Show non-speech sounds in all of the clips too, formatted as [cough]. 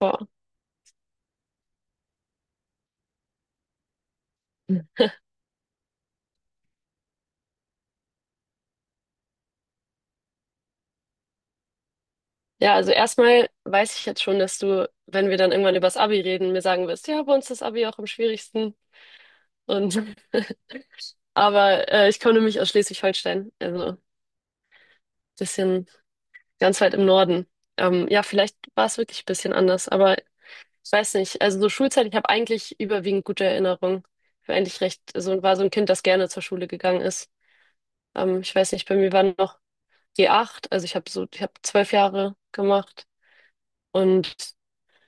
Boah. Ja, also erstmal weiß ich jetzt schon, dass du, wenn wir dann irgendwann über das Abi reden, mir sagen wirst, ja, bei uns ist das Abi auch am schwierigsten. Und [laughs] aber ich komme nämlich aus Schleswig-Holstein, also bisschen ganz weit im Norden. Ja, vielleicht war es wirklich ein bisschen anders, aber ich weiß nicht. Also so Schulzeit, ich habe eigentlich überwiegend gute Erinnerungen. Ich war eigentlich so war so ein Kind, das gerne zur Schule gegangen ist. Ich weiß nicht, bei mir war noch g acht. Also ich habe ich habe 12 Jahre gemacht. Und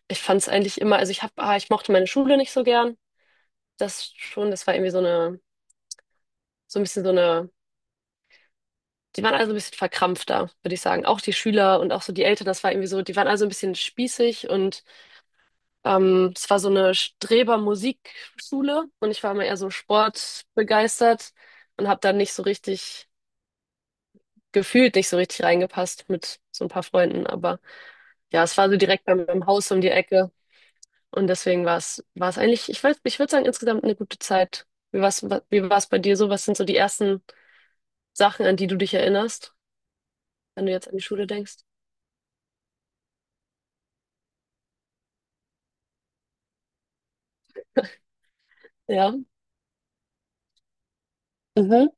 ich fand es eigentlich immer, also ich mochte meine Schule nicht so gern. Das schon, das war irgendwie so eine, so ein bisschen so eine, die waren also ein bisschen verkrampfter, würde ich sagen. Auch die Schüler und auch so die Eltern, das war irgendwie so, die waren also ein bisschen spießig und es war so eine Streber-Musikschule und ich war immer eher so sportbegeistert und habe dann nicht so richtig reingepasst mit so ein paar Freunden. Aber ja, es war so direkt bei meinem Haus um die Ecke. Und deswegen war es eigentlich, ich weiß, ich würde sagen, insgesamt eine gute Zeit. Wie war's, wie war's bei dir so? Was sind so die ersten Sachen, an die du dich erinnerst, wenn du jetzt an die Schule denkst? Ja. Mhm.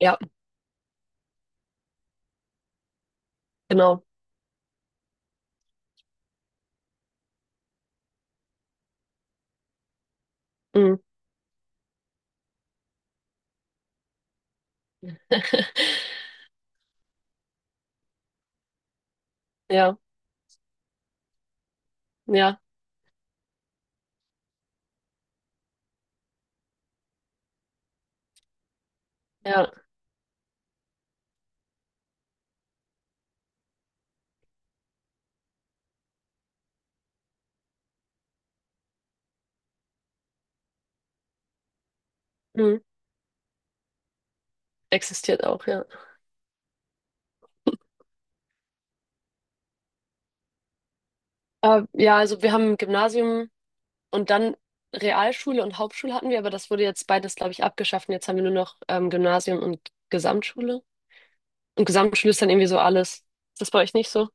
Ja, genau. Mhm. [laughs] Ja, ja, ja. Mhm. Existiert auch, ja. Ja, also wir haben Gymnasium und dann Realschule und Hauptschule hatten wir, aber das wurde jetzt beides, glaube ich, abgeschafft. Und jetzt haben wir nur noch Gymnasium und Gesamtschule. Und Gesamtschule ist dann irgendwie so alles. Ist das bei euch nicht so?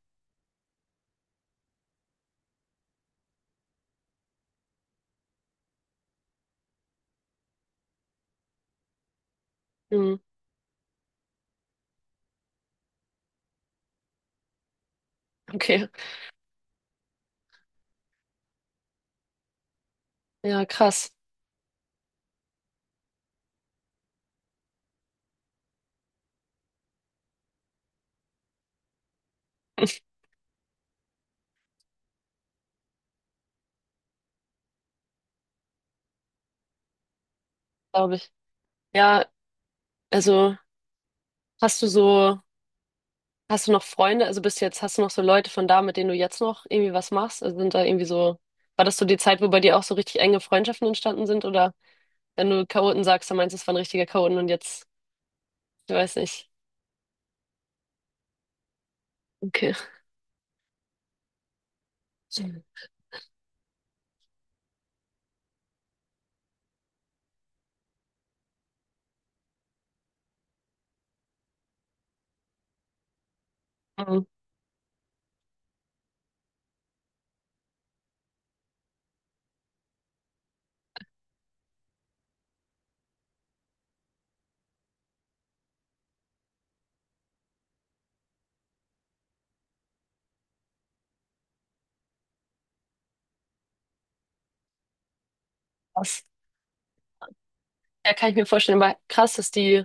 Mhm. Okay. Ja, krass. Glaube ich. Ja, also hast du so, hast du noch Freunde, hast du noch so Leute von da, mit denen du jetzt noch irgendwie was machst? Also sind da irgendwie so, War das so die Zeit, wo bei dir auch so richtig enge Freundschaften entstanden sind? Oder wenn du Chaoten sagst, dann meinst du, es waren richtige Chaoten und jetzt, ich weiß nicht. Okay. Mhm. Krass. Ja, kann ich mir vorstellen, aber krass, dass die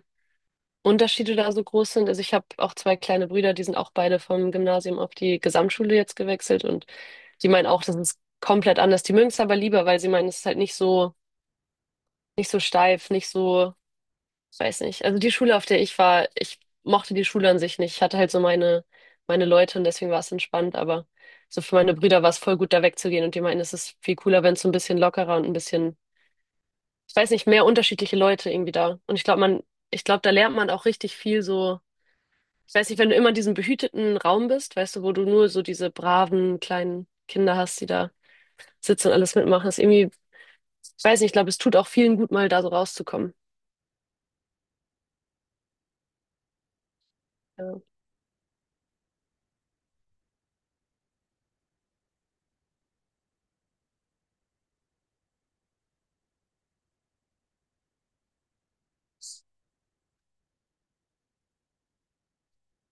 Unterschiede da so groß sind. Also ich habe auch zwei kleine Brüder, die sind auch beide vom Gymnasium auf die Gesamtschule jetzt gewechselt und die meinen auch, das ist komplett anders. Die mögen es aber lieber, weil sie meinen, es ist halt nicht so. Nicht so steif, nicht so, ich weiß nicht. Also die Schule, auf der ich war, ich mochte die Schule an sich nicht. Ich hatte halt so meine Leute und deswegen war es entspannt, aber so für meine Brüder war es voll gut, da wegzugehen und die meinten, es ist viel cooler, wenn es so ein bisschen lockerer und ein bisschen, ich weiß nicht, mehr unterschiedliche Leute irgendwie da. Und ich glaube, da lernt man auch richtig viel so, ich weiß nicht, wenn du immer in diesem behüteten Raum bist, weißt du, wo du nur so diese braven kleinen Kinder hast, die da sitzen und alles mitmachen, ist irgendwie, ich weiß nicht, ich glaube, es tut auch vielen gut, mal da so rauszukommen. Ja,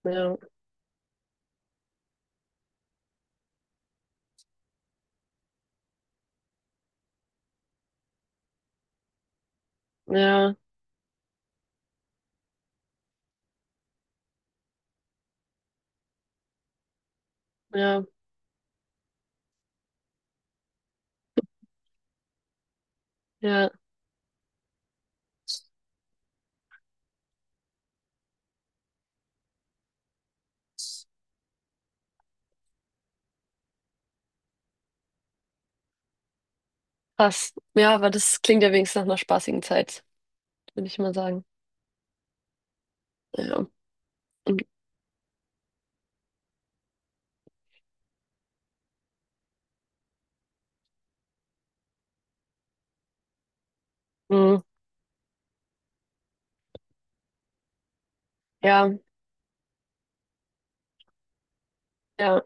ja, ja. Ja, ja, krass. Ja, aber das klingt ja wenigstens nach einer spaßigen Zeit, würde ich mal sagen. Ja, und, mm, ja, ja.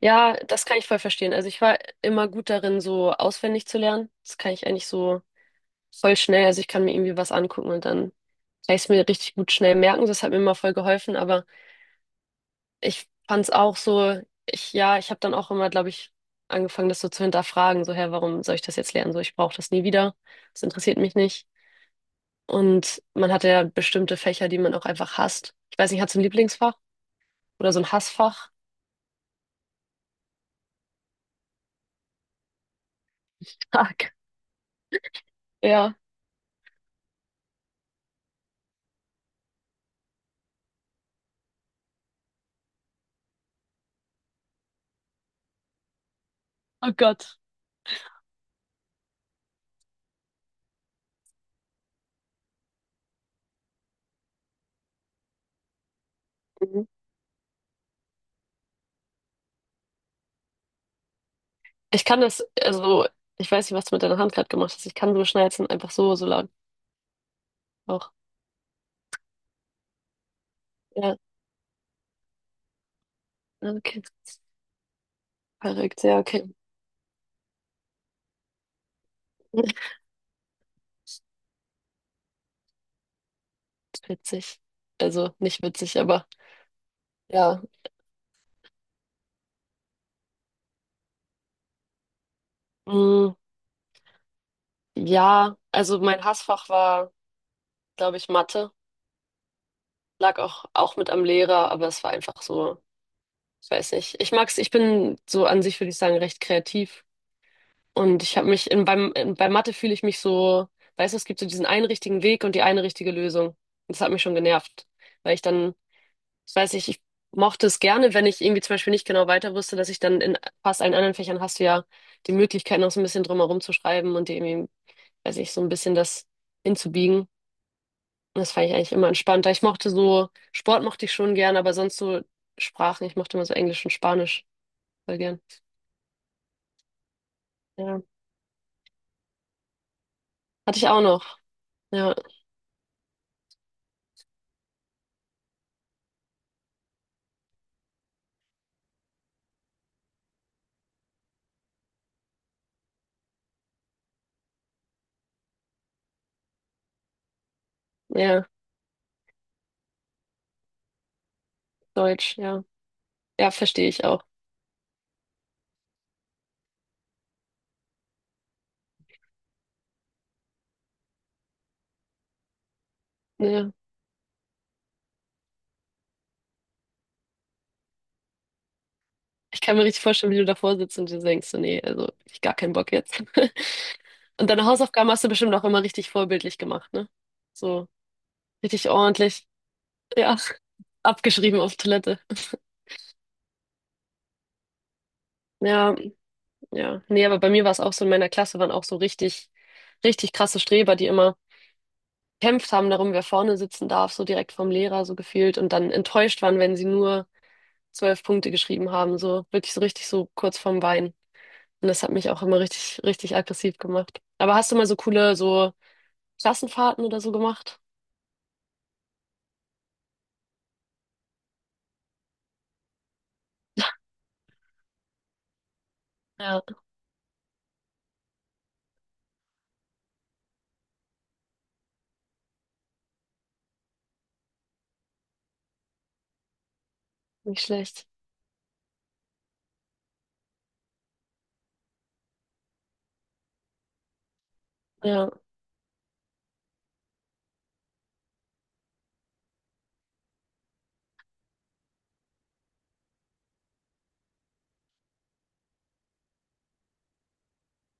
Ja, das kann ich voll verstehen. Also ich war immer gut darin, so auswendig zu lernen. Das kann ich eigentlich so voll schnell. Also ich kann mir irgendwie was angucken und dann kann ich es mir richtig gut schnell merken. Das hat mir immer voll geholfen. Aber ich fand es auch so, ja, ich habe dann auch immer, glaube ich, angefangen, das so zu hinterfragen. So, hä, warum soll ich das jetzt lernen? So, ich brauche das nie wieder. Das interessiert mich nicht. Und man hatte ja bestimmte Fächer, die man auch einfach hasst. Ich weiß nicht, hast du ein Lieblingsfach oder so ein Hassfach? Tag. Ja. Oh Gott. Mhm. Ich kann das, also, ich weiß nicht, was du mit deiner Hand gerade gemacht hast. Ich kann so schnalzen, einfach so, so lang. Auch. Ja. Ah, okay. Verrückt, ja, okay. [laughs] Witzig. Also, nicht witzig, aber ja. Mm, ja, also mein Hassfach war, glaube ich, Mathe. Lag auch mit am Lehrer, aber es war einfach so. Ich weiß nicht. Ich mag's, ich bin so an sich, würde ich sagen, recht kreativ. Und ich habe mich bei Mathe fühle ich mich so, weißt du, es gibt so diesen einen richtigen Weg und die eine richtige Lösung. Das hat mich schon genervt. Weil ich dann, ich weiß nicht, ich mochte es gerne, wenn ich irgendwie zum Beispiel nicht genau weiter wusste, dass ich dann in fast allen anderen Fächern hast du ja die Möglichkeit, noch so ein bisschen drumherum zu schreiben und dir irgendwie, weiß ich, so ein bisschen das hinzubiegen. Und das fand ich eigentlich immer entspannter. Ich mochte so, Sport mochte ich schon gern, aber sonst so Sprachen, ich mochte immer so Englisch und Spanisch voll gern. Ja. Hatte ich auch noch. Ja, ja, Deutsch, ja. Ja, verstehe ich auch. Ja. Ich kann mir richtig vorstellen, wie du davor sitzt und dir denkst, so, nee, also ich gar keinen Bock jetzt. [laughs] Und deine Hausaufgaben hast du bestimmt auch immer richtig vorbildlich gemacht, ne? So richtig ordentlich, ja, [laughs] abgeschrieben auf Toilette. Ja, ja. Nee, aber bei mir war es auch so, in meiner Klasse waren auch so richtig, richtig krasse Streber, die immer gekämpft haben darum, wer vorne sitzen darf, so direkt vom Lehrer so gefühlt und dann enttäuscht waren, wenn sie nur 12 Punkte geschrieben haben, so wirklich so richtig so kurz vorm Weinen. Und das hat mich auch immer richtig, richtig aggressiv gemacht. Aber hast du mal so coole, so Klassenfahrten oder so gemacht? Ja, nicht schlecht. Ja,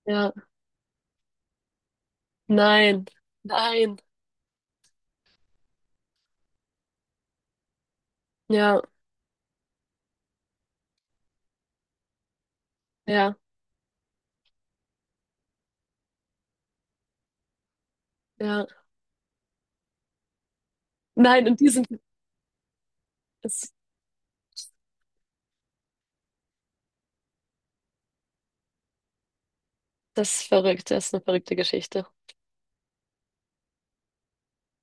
ja. Nein, nein. Ja, ja, ja. Nein, und die sind, das, das ist verrückt, das ist eine verrückte Geschichte.